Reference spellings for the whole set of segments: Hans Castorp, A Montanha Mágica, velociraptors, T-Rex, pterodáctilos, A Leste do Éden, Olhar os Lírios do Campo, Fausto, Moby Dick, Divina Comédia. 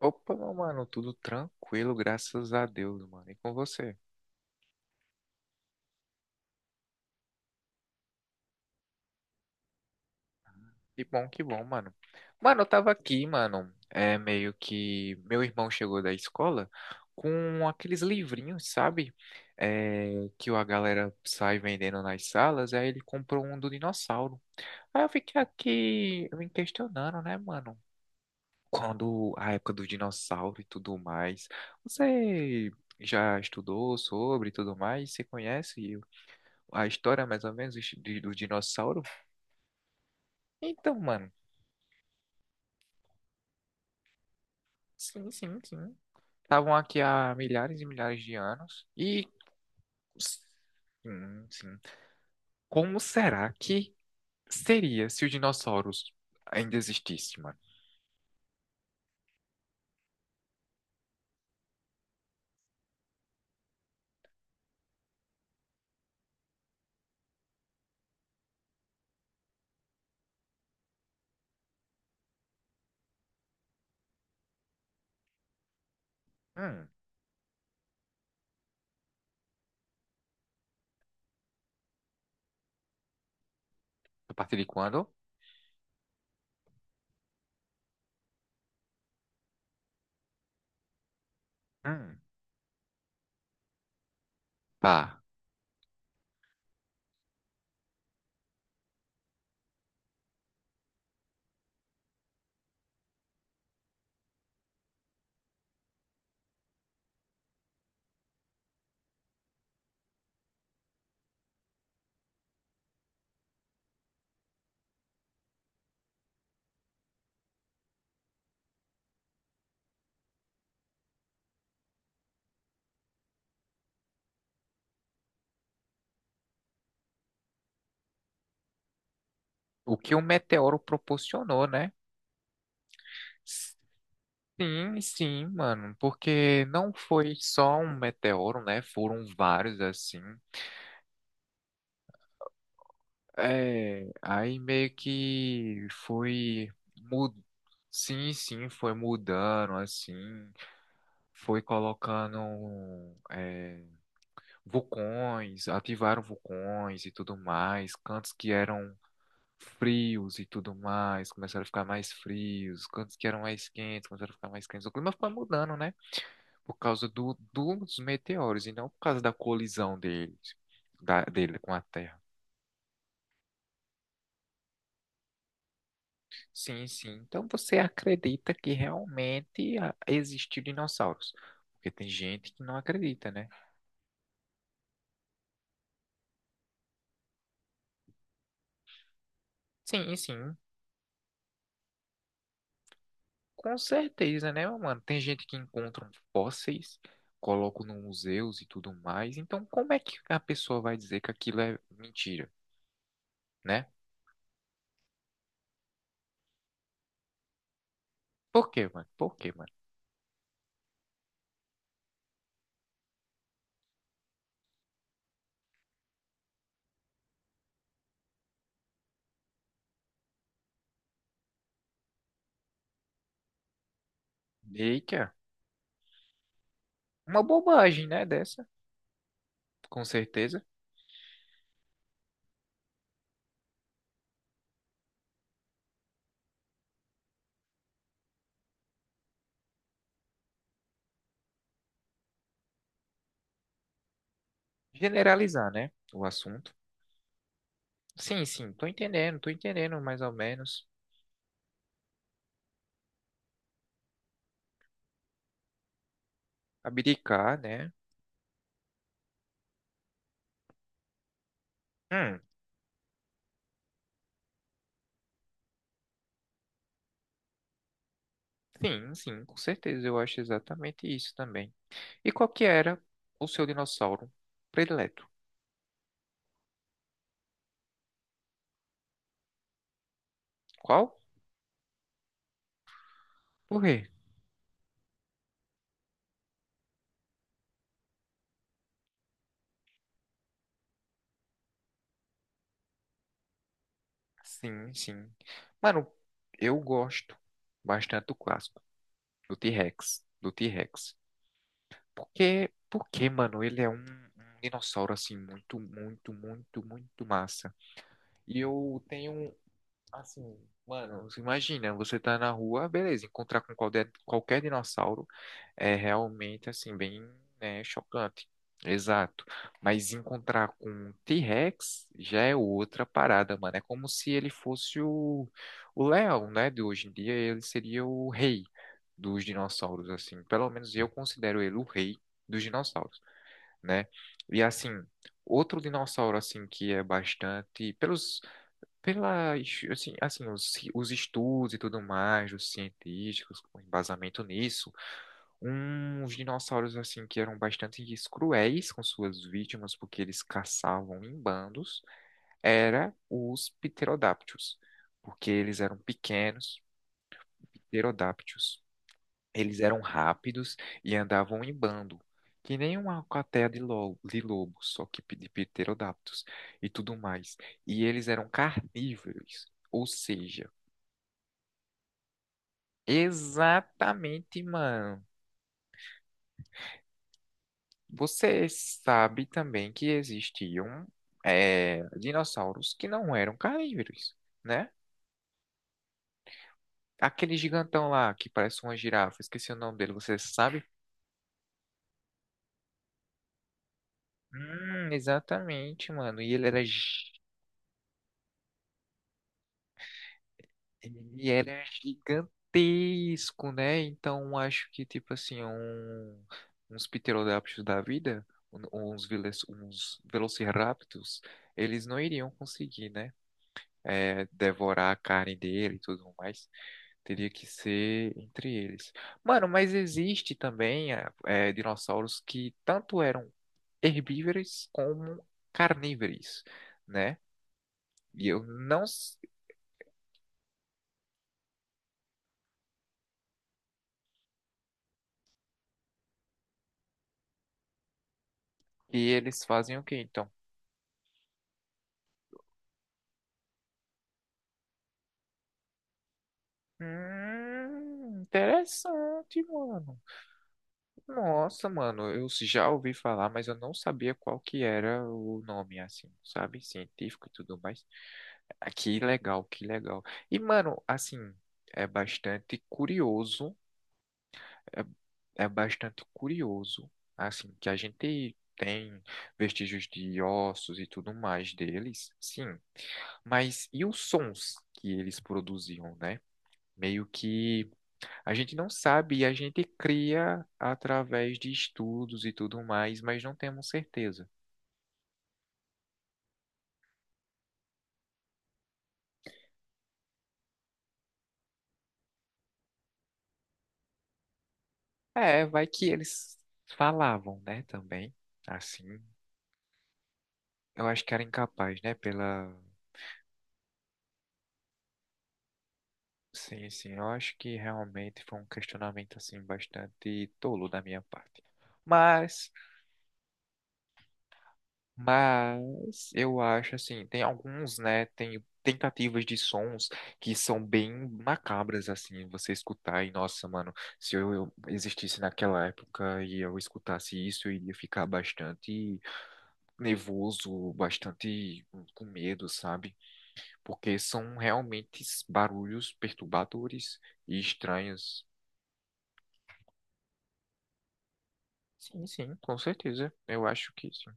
Opa, meu mano, tudo tranquilo, graças a Deus, mano. E com você? Que bom, mano. Mano, eu tava aqui, mano. É meio que meu irmão chegou da escola com aqueles livrinhos, sabe? É, que a galera sai vendendo nas salas. Aí ele comprou um do dinossauro. Aí eu fiquei aqui me questionando, né, mano? Quando a época do dinossauro e tudo mais. Você já estudou sobre e tudo mais? Você conhece a história, mais ou menos, do dinossauro. Então, mano, sim, sim, sim. Estavam aqui há milhares e milhares de anos. E sim, sim. Como será que seria se os dinossauros ainda existissem, mano? Hum, a partir de quando? Hum, pá. O que o meteoro proporcionou, né? Sim, sim, mano. Porque não foi só um meteoro, né? Foram vários assim. É, aí meio que foi mud... sim, sim, foi mudando assim, foi colocando é, vulcões, ativaram vulcões e tudo mais, cantos que eram frios e tudo mais, começaram a ficar mais frios, cantos que eram mais quentes, começaram a ficar mais quentes. O clima foi mudando, né? Por causa dos meteoros e não por causa da colisão deles, dele com a Terra. Sim, sim. Então você acredita que realmente existiu dinossauros? Porque tem gente que não acredita, né? Sim, sim. Com certeza, né, meu mano? Tem gente que encontra fósseis, colocam no museus e tudo mais. Então, como é que a pessoa vai dizer que aquilo é mentira, né? Por quê, mano? Por quê, mano? Eita, uma bobagem, né, dessa? Com certeza. Generalizar, né, o assunto. Sim, sim, tô entendendo mais ou menos. Abdicar, né? Hum. Sim, sim, com certeza. Eu acho exatamente isso também. E qual que era o seu dinossauro predileto? Qual? Por quê? Sim, sim. Mano, eu gosto bastante do clássico, do T-Rex, do T-Rex. Porque, porque, mano, ele é um dinossauro, assim, muito, muito, muito, muito massa. E eu tenho, assim, mano, você imagina, você tá na rua, beleza, encontrar com qualquer, qualquer dinossauro. É realmente assim, bem, né, chocante. Exato. Mas encontrar com um T-Rex já é outra parada, mano. É como se ele fosse o leão, né? De hoje em dia, ele seria o rei dos dinossauros, assim. Pelo menos eu considero ele o rei dos dinossauros, né? E assim, outro dinossauro, assim, que é bastante. Pelos. Pela, assim, assim, os estudos e tudo mais, os científicos, com embasamento nisso uns dinossauros assim que eram bastante cruéis com suas vítimas porque eles caçavam em bandos, era os pterodáctilos, porque eles eram pequenos, pterodáctilos. Eles eram rápidos e andavam em bando, que nem uma alcateia de lobo, só que de pterodáctilos e tudo mais. E eles eram carnívoros, ou seja, exatamente, mano. Você sabe também que existiam dinossauros que não eram carnívoros, né? Aquele gigantão lá que parece uma girafa, esqueci o nome dele, você sabe? Exatamente, mano. E ele era, ele era gigantesco, né? Então acho que, tipo assim, uns pterodáptios da vida, uns velociraptors, eles não iriam conseguir, né? É, devorar a carne dele e tudo mais. Teria que ser entre eles. Mano, mas existe também dinossauros que tanto eram herbívoros como carnívoros, né? E eu não. s- e eles fazem o quê, então? Interessante, mano. Nossa, mano, eu já ouvi falar, mas eu não sabia qual que era o nome, assim, sabe? Científico e tudo mais. Ah, que legal, que legal. E, mano, assim, é bastante curioso bastante curioso, assim, que a gente tem vestígios de ossos e tudo mais deles, sim, mas e os sons que eles produziam, né? Meio que a gente não sabe e a gente cria através de estudos e tudo mais, mas não temos certeza. É, vai que eles falavam, né, também, assim. Eu acho que era incapaz, né, pela sim, sim, eu acho que realmente foi um questionamento assim bastante tolo da minha parte. Mas, mas eu acho assim, tem alguns, né, tem tentativas de sons que são bem macabras assim, você escutar e nossa, mano, se eu, eu existisse naquela época e eu escutasse isso, eu iria ficar bastante nervoso, bastante com medo, sabe? Porque são realmente barulhos perturbadores e estranhos. Sim, sim, com certeza. Eu acho que sim.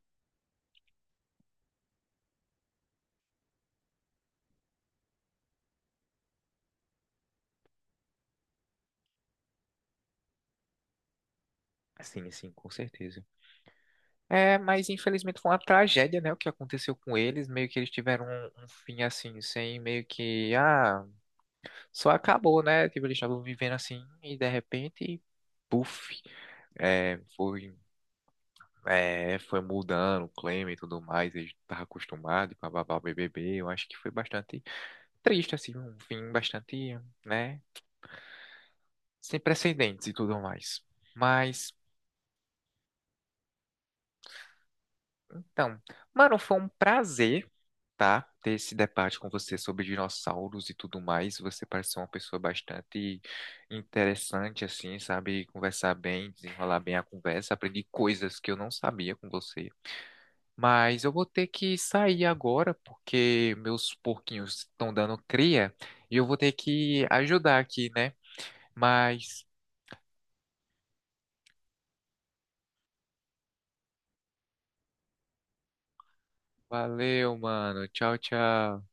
Sim, sim, com certeza. É, mas infelizmente foi uma tragédia, né? O que aconteceu com eles, meio que eles tiveram um fim assim, sem meio que, ah, só acabou, né? Tipo, eles estavam vivendo assim e de repente, puf, é, foi, é, foi mudando o clima e tudo mais, eles estavam acostumados, e bababá, BBB. Eu acho que foi bastante triste, assim, um fim bastante, né? Sem precedentes e tudo mais. Mas. Então, mano, foi um prazer, tá? Ter esse debate com você sobre dinossauros e tudo mais. Você pareceu uma pessoa bastante interessante, assim, sabe? Conversar bem, desenrolar bem a conversa. Aprendi coisas que eu não sabia com você. Mas eu vou ter que sair agora, porque meus porquinhos estão dando cria e eu vou ter que ajudar aqui, né? Mas valeu, mano. Tchau, tchau.